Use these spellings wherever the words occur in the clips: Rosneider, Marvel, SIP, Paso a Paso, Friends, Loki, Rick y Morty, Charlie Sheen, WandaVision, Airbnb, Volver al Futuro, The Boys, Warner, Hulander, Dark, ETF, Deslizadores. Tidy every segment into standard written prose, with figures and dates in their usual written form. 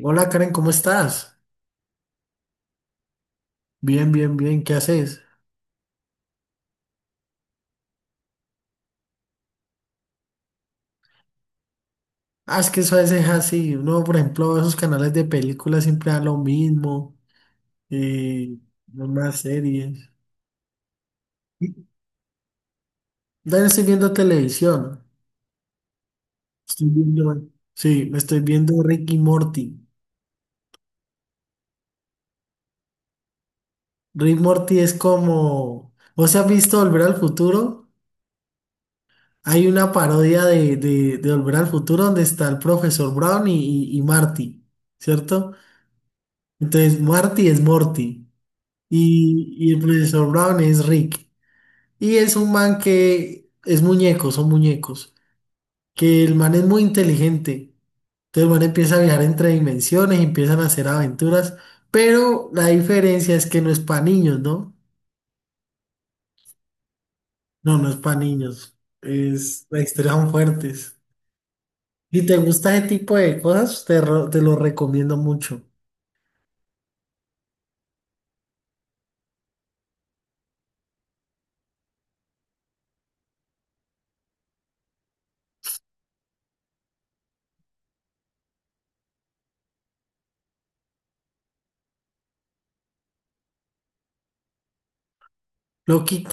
Hola Karen, ¿cómo estás? Bien, bien, bien, ¿qué haces? Ah, es que eso a veces es así. Uno, por ejemplo, esos canales de películas siempre dan lo mismo, eh, las más series. También estoy viendo televisión. Estoy viendo, sí, me estoy viendo Rick y Morty. Rick y Morty es como, ¿vos has visto Volver al Futuro? Hay una parodia de Volver al Futuro donde está el profesor Brown y Marty, ¿cierto? Entonces, Marty es Morty. Y el profesor Brown es Rick. Y es un man que es muñeco, son muñecos. Que el man es muy inteligente. Entonces el man empieza a viajar entre dimensiones y empiezan a hacer aventuras. Pero la diferencia es que no es para niños, ¿no? No, no es para niños. Es, las historias son fuertes. Si te gusta ese tipo de cosas, te lo recomiendo mucho. ¿Loki K?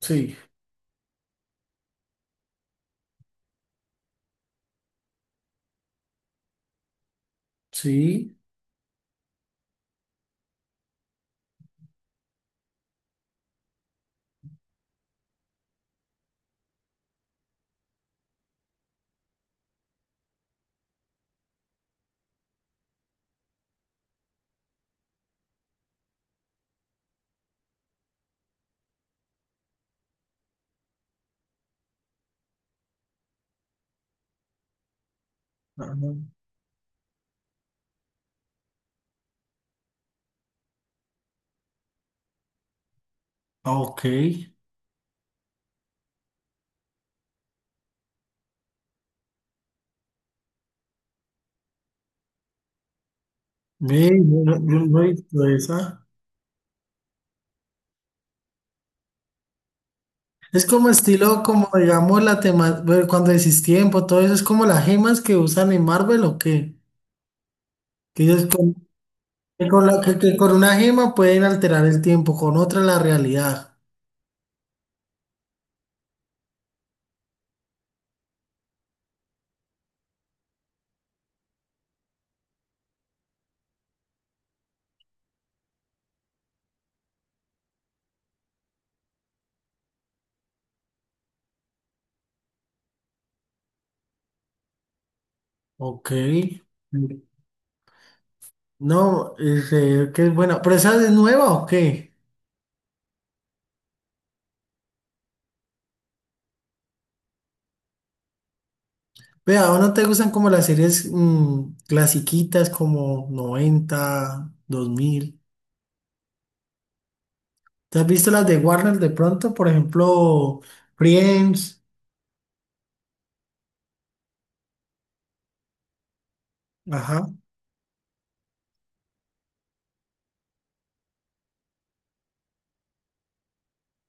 Sí, sí. Ah, ok. Ve, no, no, no he visto esa. Es como estilo, como digamos, la tema, bueno, cuando decís tiempo, todo eso es como las gemas que usan en Marvel o qué. Que ellos con, que con, la- que- Que con una gema pueden alterar el tiempo, con otra la realidad. Ok. No, este, que es buena. ¿Pero esa es nueva o qué? Vea, ¿o no te gustan como las series clasiquitas como 90, 2000? ¿Te has visto las de Warner de pronto? Por ejemplo, Friends.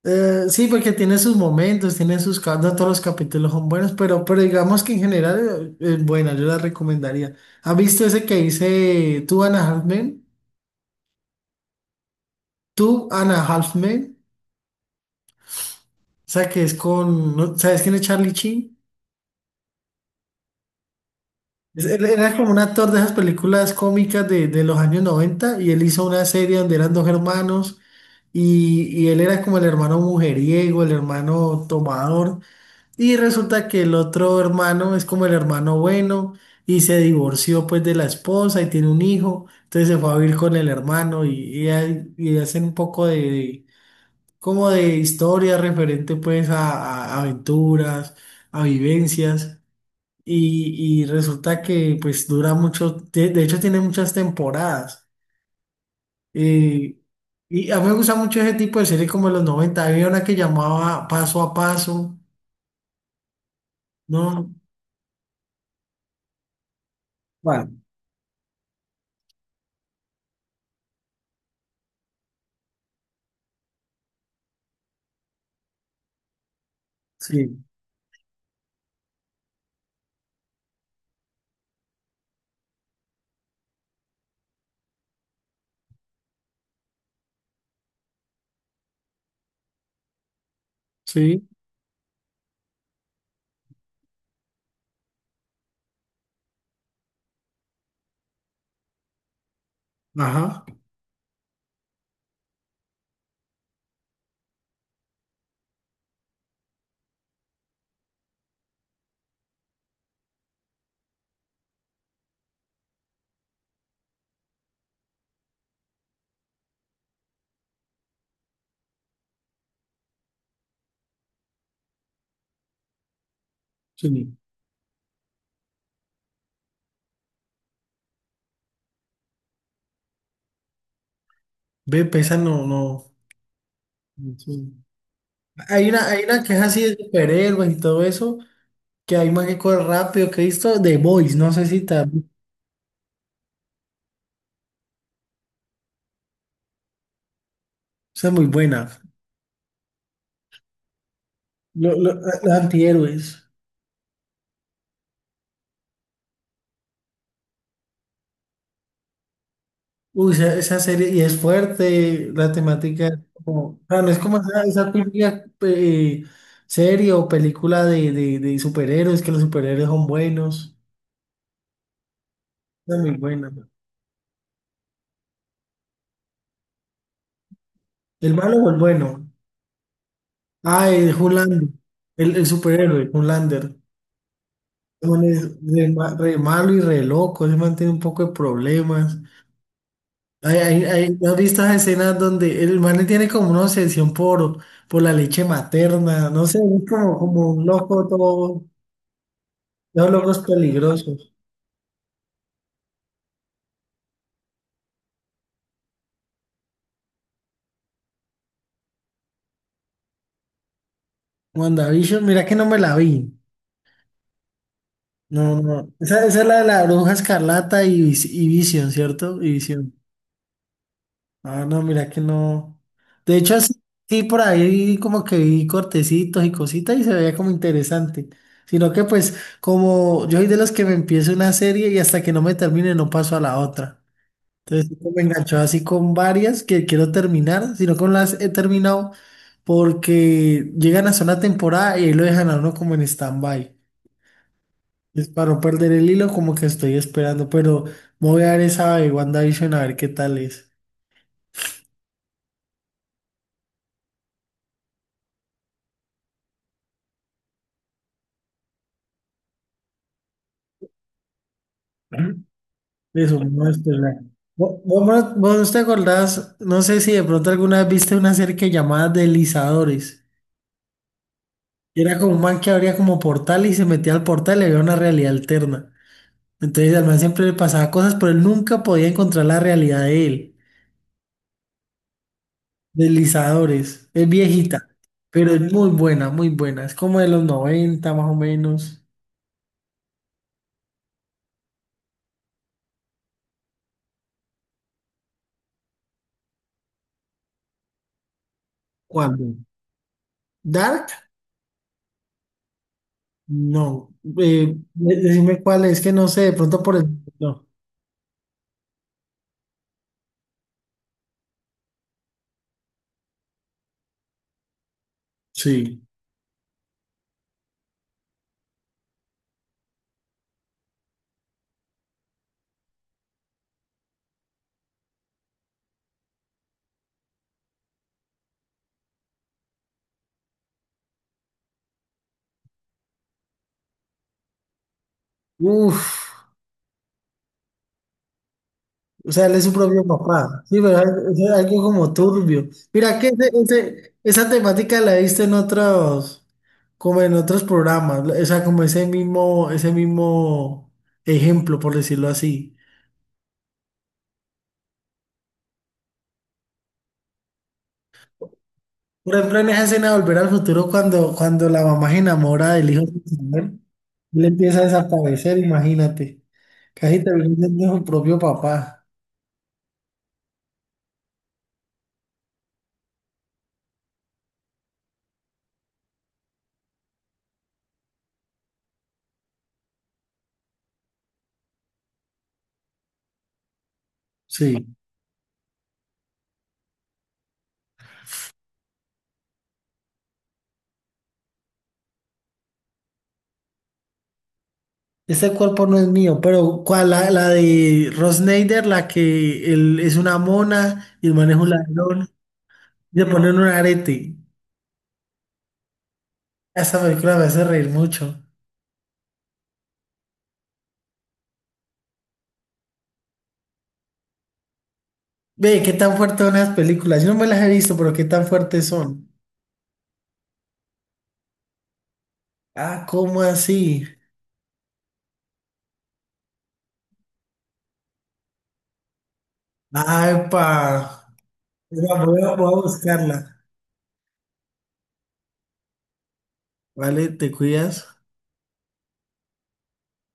Sí, porque tiene sus momentos, tiene sus. No todos los capítulos son buenos, pero digamos que en general es buena, yo la recomendaría. ¿Has visto ese que dice Tú, Ana Halfman? Tú, Ana Halfman. O sea, que es con... ¿no? ¿Sabes quién es Charlie Sheen? Él era como un actor de esas películas cómicas de los años 90 y él hizo una serie donde eran dos hermanos y él era como el hermano mujeriego, el hermano tomador. Y resulta que el otro hermano es como el hermano bueno y se divorció pues de la esposa y tiene un hijo, entonces se fue a vivir con el hermano y hacen un poco como de historia referente pues a aventuras, a vivencias y resulta que pues dura mucho, de hecho tiene muchas temporadas. eh, y a mí me gusta mucho ese tipo de series como de los 90 había una que llamaba Paso a Paso, ¿no? Bueno, sí. Sí. Ajá, sí. Ve, pesa, no, no. Sí. Hay una que es así de superhéroes y todo eso, que hay más que corre rápido, que he visto The Boys, no sé si también. Esa es muy buena. Los antihéroes. Uy, esa serie, y es fuerte, la temática es como, o sea, no es como esa típica serie o película de superhéroes, que los superhéroes son buenos. Esa es muy buena. ¿El malo o el bueno? Ah, el Hulander, el superhéroe, Hulander. Man es re malo y re loco, ese man tiene un poco de problemas. ¿No has visto esas escenas donde el man tiene como una obsesión por la leche materna? No sé, es como, como un loco todo, dos locos peligrosos. WandaVision, mira que no me la vi. No, no, esa es la de la bruja escarlata y, y Vision, ¿cierto? Y Visión. Ah, no, mira que no. De hecho, así, sí, por ahí como que vi cortecitos y cositas y se veía como interesante. Sino que pues como yo soy de los que me empiezo una serie y hasta que no me termine no paso a la otra. Entonces esto me enganchó así con varias que quiero terminar, sino que no las he terminado porque llegan hasta una temporada y ahí lo dejan a uno como en stand-by. Es para no perder el hilo como que estoy esperando, pero me voy a dar esa de WandaVision a ver qué tal es. Eso, vamos. Vos no te acordás, no sé si de pronto alguna vez viste una serie que llamaba Deslizadores. Era como un man que abría como portal y se metía al portal y había una realidad alterna. Entonces al man siempre le pasaba cosas, pero él nunca podía encontrar la realidad de él. Deslizadores. Es viejita, pero es muy buena, muy buena. Es como de los 90 más o menos. ¿Cuándo? ¿Dark? No. Decime cuál es, que no sé, de pronto por el... No. Sí. Uf. O sea, él es su propio papá. Sí, pero es algo como turbio. Mira, que esa temática la viste en otros, como en otros programas. O sea, como ese mismo ejemplo, por decirlo así. Por ejemplo, en esa escena de Volver al Futuro, cuando la mamá se enamora del hijo sin saber, él empieza a desaparecer, imagínate. Casi termina siendo su propio papá. Sí. Este cuerpo no es mío, pero ¿cuál? La de Rosneider, la que él es una mona y el man es un ladrón, y le ponen un arete. Esa película me hace reír mucho. Ve, qué tan fuertes son las películas. Yo no me las he visto, pero qué tan fuertes son. Ah, ¿cómo así? Ay, pa. Voy a buscarla. Vale, te cuidas.